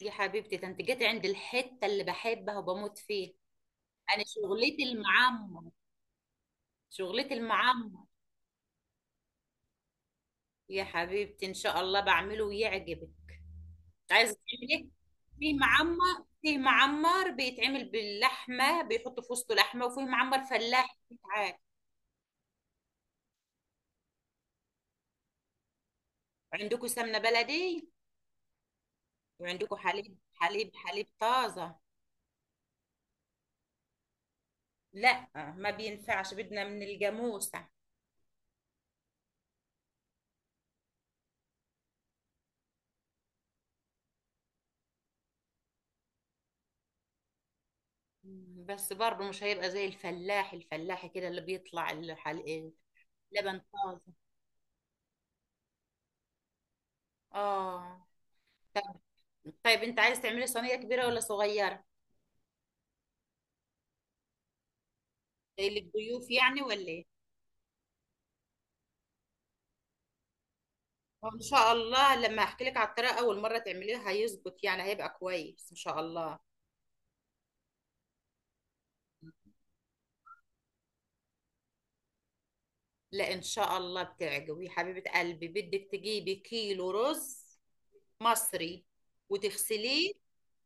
يا حبيبتي ده انت جيت عند الحتة اللي بحبها وبموت فيها. انا شغلتي المعمر، شغلتي المعمر. يا حبيبتي ان شاء الله بعمله ويعجبك. عايزة تعملي؟ فيه معمر بيتعمل باللحمة، بيحطوا في وسطه لحمة، وفيه معمر فلاح. عادي. عندكم سمنة بلدي؟ وعندكم حليب، حليب طازة؟ لا، ما بينفعش، بدنا من الجاموسة. بس برضه مش هيبقى زي الفلاح كده اللي بيطلع الحلقة. لبن طازة؟ اه. طيب انت عايز تعملي صينية كبيرة ولا صغيرة؟ جاي لك ضيوف يعني ولا ايه؟ ان شاء الله لما احكي لك على الطريقة اول مرة تعمليها هيظبط، يعني هيبقى كويس ان شاء الله. لا، ان شاء الله بتعجبي يا حبيبة قلبي. بدك تجيبي كيلو رز مصري، وتغسليه،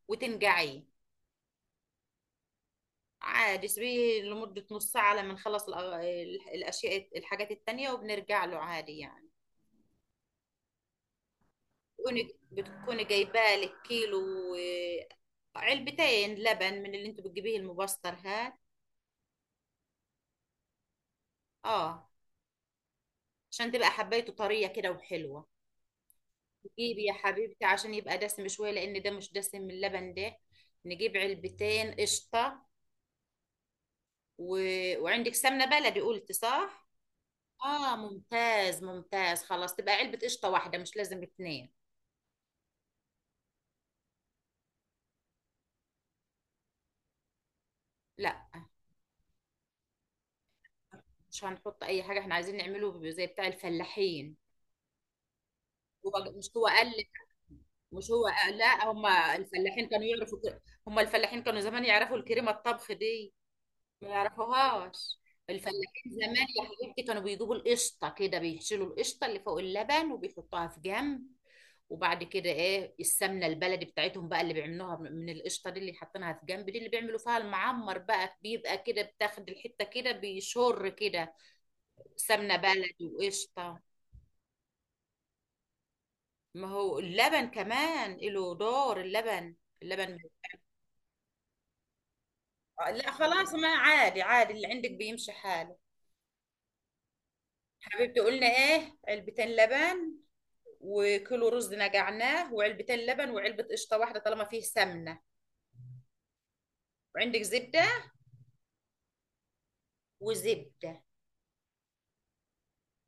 وتنقعيه. عادي سيبيه لمدة نص ساعة لما نخلص الاشياء، الحاجات التانية، وبنرجع له عادي يعني. تكوني بتكوني جايبه لك كيلو. آه، علبتين لبن من اللي انتوا بتجيبيه المبستر هاد، اه، عشان تبقى حبايته طريه كده وحلوه. نجيب يا حبيبتي عشان يبقى دسم شويه، لان ده مش دسم من اللبن ده، نجيب علبتين قشطه و... وعندك سمنه بلدي، قلت صح؟ اه ممتاز ممتاز. خلاص تبقى علبه قشطه واحده، مش لازم اتنين. لا مش هنحط اي حاجه، احنا عايزين نعمله زي بتاع الفلاحين. هو مش هو قال لي- مش هو قال- لا، هم الفلاحين كانوا هم الفلاحين كانوا زمان يعرفوا الكريمه الطبخ دي؟ ما يعرفوهاش. الفلاحين زمان يا حبيبتي كانوا بيجيبوا القشطه كده، بيشيلوا القشطه اللي فوق اللبن وبيحطوها في جنب، وبعد كده ايه، السمنه البلدي بتاعتهم بقى اللي بيعملوها من القشطه دي اللي حاطينها في جنب، دي اللي بيعملوا فيها المعمر بقى، بيبقى كده بتاخد الحته كده بيشر كده. سمنه بلدي وقشطه. ما هو اللبن كمان له دور، اللبن. آه، لا خلاص ما عادي عادي، اللي عندك بيمشي حاله. حبيبتي قلنا ايه، علبتين لبن وكيلو رز نقعناه، وعلبتين لبن وعلبة قشطة واحدة طالما فيه سمنة. وعندك زبدة؟ وزبدة.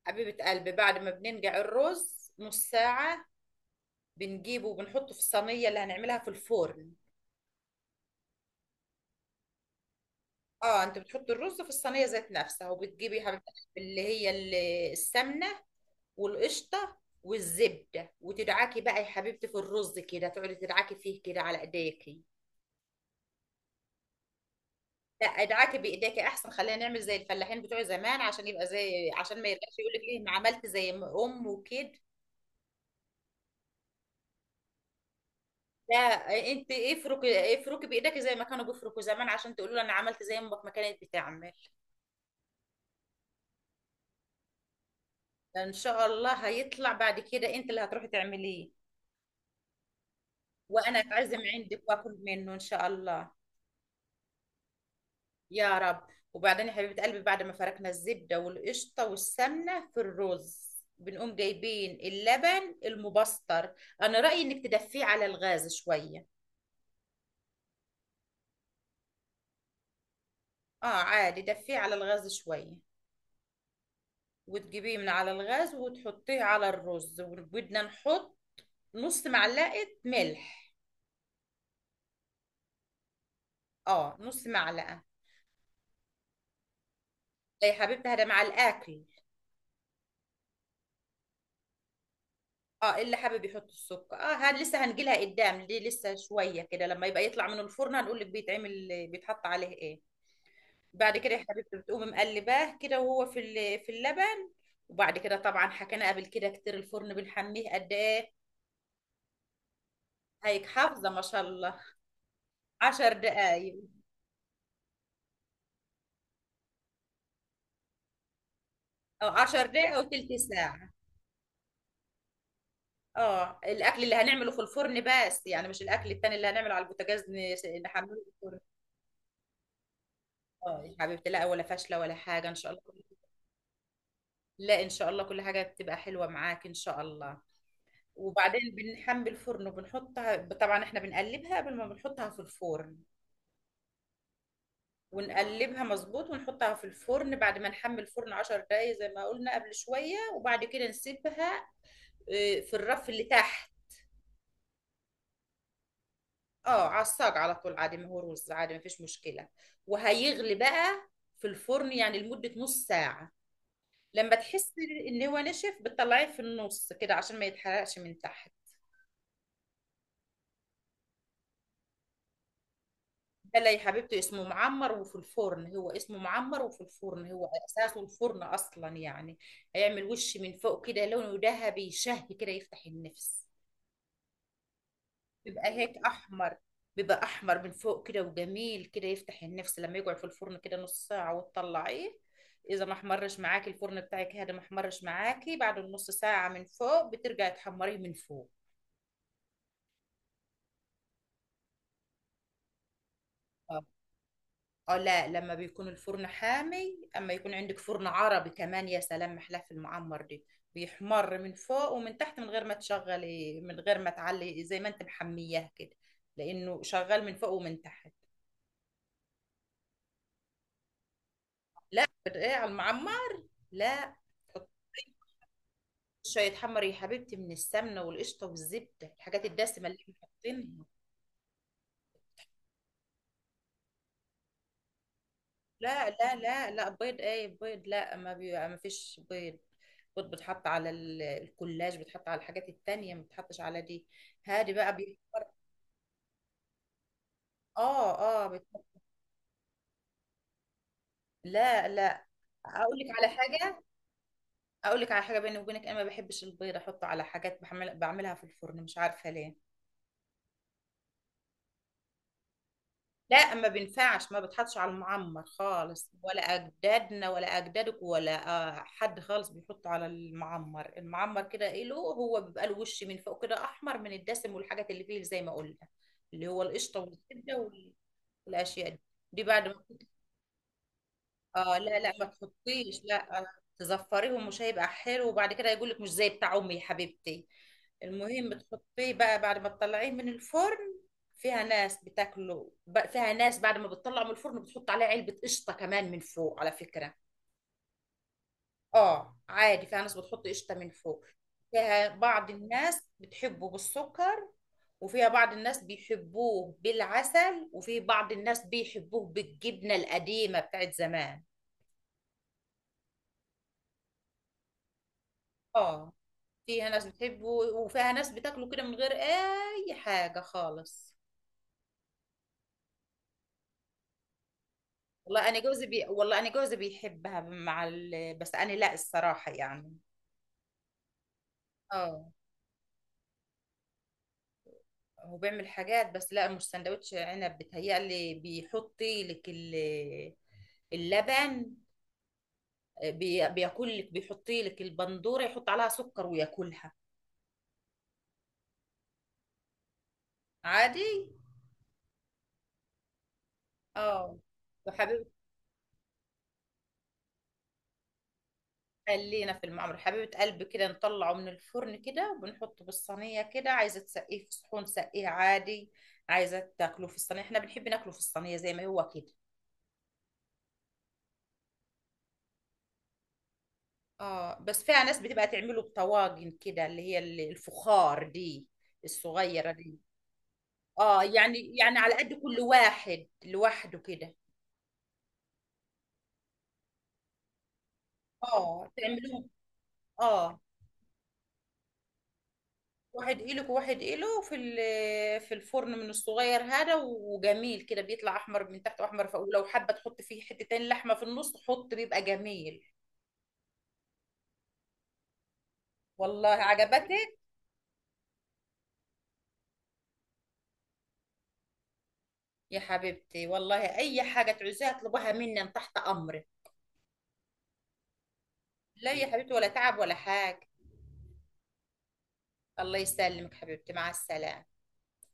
حبيبة قلبي بعد ما بننقع الرز نص ساعة، بنجيبه وبنحطه في الصينية اللي هنعملها في الفرن. اه انت بتحط الرز في الصينية ذات نفسها، وبتجيبي يا حبيبة قلبي السمنة والقشطه والزبده، وتدعكي بقى يا حبيبتي في الرز كده، تقعدي تدعكي فيه كده على ايديكي. لا، ادعكي بايديكي احسن، خلينا نعمل زي الفلاحين بتوع زمان، عشان يبقى زي، عشان ما يرجعش يقول لك ليه ما عملت زي ما ام وكده. لا انت افركي بايديكي زي ما كانوا بيفركوا زمان، عشان تقولوا لها انا عملت زي ما امك ما كانت بتعمل. ان شاء الله هيطلع، بعد كده انت اللي هتروحي تعمليه، وانا اتعزم عندك واكل منه ان شاء الله. يا رب. وبعدين يا حبيبة قلبي بعد ما فركنا الزبدة والقشطة والسمنة في الرز، بنقوم جايبين اللبن المبستر. أنا رأيي إنك تدفيه على الغاز شوية. آه عادي، دفيه على الغاز شوية، وتجيبيه من على الغاز وتحطيه على الرز، وبدنا نحط نص معلقة ملح. آه نص معلقة. إيه يا حبيبتي هذا مع الأكل. اه اللي حابب يحط السكر، اه هاد لسه هنجيلها قدام، دي لسه شويه كده، لما يبقى يطلع من الفرن هنقول لك بيتعمل بيتحط عليه ايه. بعد كده يا حبيبتي بتقوم مقلباه كده وهو في في اللبن. وبعد كده طبعا حكينا قبل كده كتير، الفرن بنحميه قد ايه؟ هيك حافظه ما شاء الله. عشر دقايق، او عشر دقايق او تلت ساعه. اه الاكل اللي هنعمله في الفرن بس يعني، مش الاكل التاني اللي هنعمله على البوتاجاز، نحمله في الفرن. اه يا حبيبتي، لا ولا فاشله ولا حاجه ان شاء الله. لا ان شاء الله كل حاجه بتبقى حلوه معاك ان شاء الله. وبعدين بنحمي الفرن وبنحطها، طبعا احنا بنقلبها قبل ما بنحطها في الفرن، ونقلبها مظبوط ونحطها في الفرن بعد ما نحمل الفرن 10 دقايق زي ما قلنا قبل شوية، وبعد كده نسيبها آه، في الرف اللي تحت. اه على الصاج على طول عادي، ما هو رز عادي ما فيش مشكلة. وهيغلي بقى في الفرن يعني لمدة نص ساعة، لما تحس ان هو نشف بتطلعيه في النص كده عشان ما يتحرقش من تحت. لا يا حبيبتي اسمه معمر وفي الفرن، هو اسمه معمر وفي الفرن، هو اساسه الفرن اصلا يعني. هيعمل وش من فوق كده لونه ذهبي شهي كده يفتح النفس. بيبقى هيك احمر، بيبقى احمر من فوق كده وجميل كده يفتح النفس، لما يقعد في الفرن كده نص ساعة وتطلعيه. اذا ما احمرش معاكي الفرن بتاعك هذا، ما احمرش معاكي بعد النص ساعة من فوق، بترجعي تحمريه من فوق. اه لا لما بيكون الفرن حامي، اما يكون عندك فرن عربي كمان، يا سلام محلاه في المعمر دي. بيحمر من فوق ومن تحت من غير ما تشغلي، من غير ما تعلي، زي ما انت محمياه كده، لانه شغال من فوق ومن تحت. لا بتقلي على المعمر. لا. حطي شويه حمر يا حبيبتي من السمنه والقشطه والزبده، الحاجات الدسمه اللي احنا حاطينها. لا لا لا لا، بيض ايه بيض، لا ما فيش بيض. بيض بتحط على الكولاج، بتحط على الحاجات التانية، ما بتحطش على دي. هادي بقى بيفكر. اه اه بتحط. لا لا، اقول لك على حاجة، اقول لك على حاجة بيني وبينك، انا ما بحبش البيض احطه على حاجات بعملها في الفرن، مش عارفة ليه. لا ما بينفعش، ما بتحطش على المعمر خالص، ولا اجدادنا ولا اجدادك ولا آه، حد خالص بيحط على المعمر. المعمر كده ايه له، هو بيبقى الوش من فوق كده احمر من الدسم والحاجات اللي فيه زي ما قلنا، اللي هو القشطه والزبده والاشياء دي. دي بعد ما اه لا لا، ما تحطيش لا آه، تزفريهم مش هيبقى حلو، وبعد كده يقول لك مش زي بتاع امي يا حبيبتي. المهم بتحطيه بقى بعد ما تطلعيه من الفرن، فيها ناس فيها ناس بعد ما بتطلعه من الفرن بتحط عليه علبة قشطة كمان من فوق على فكرة. اه عادي، فيها ناس بتحط قشطة من فوق. فيها بعض الناس بتحبه بالسكر، وفيها بعض الناس بيحبوه بالعسل، وفي بعض الناس بيحبوه بالجبنة القديمة بتاعت زمان. اه فيها ناس بتحبه، وفيها ناس بتاكله كده من غير اي حاجه خالص. والله انا جوزي بيحبها مع بس انا لا الصراحه يعني. اه هو بيعمل حاجات، بس لا مش سندوتش عنب بتهيألي، بيحطي لك اللبن، بياكل لك، بيحطي لك البندوره يحط عليها سكر وياكلها. عادي. اه وحبيب. خلينا في المعمر حبيبة قلبي، كده نطلعه من الفرن كده وبنحطه بالصينية كده، عايزة تسقيه في صحون سقيه عادي، عايزة تاكله في الصينية احنا بنحب ناكله في الصينية زي ما هو كده. اه بس فيها ناس بتبقى تعمله بطواجن كده، اللي هي الفخار دي الصغيرة دي. اه يعني يعني على قد كل واحد لوحده كده. اه تعملهم. اه واحد قلق وواحد قلق في في الفرن من الصغير هذا، وجميل كده بيطلع احمر من تحت واحمر فوق، ولو حابه تحط فيه حتتين لحمه في النص حط، بيبقى جميل. والله عجبتك يا حبيبتي، والله اي حاجه تعوزيها اطلبها مني، أنا تحت امرك. لا يا حبيبتي ولا تعب ولا حاجه. الله يسلمك حبيبتي، مع السلامه.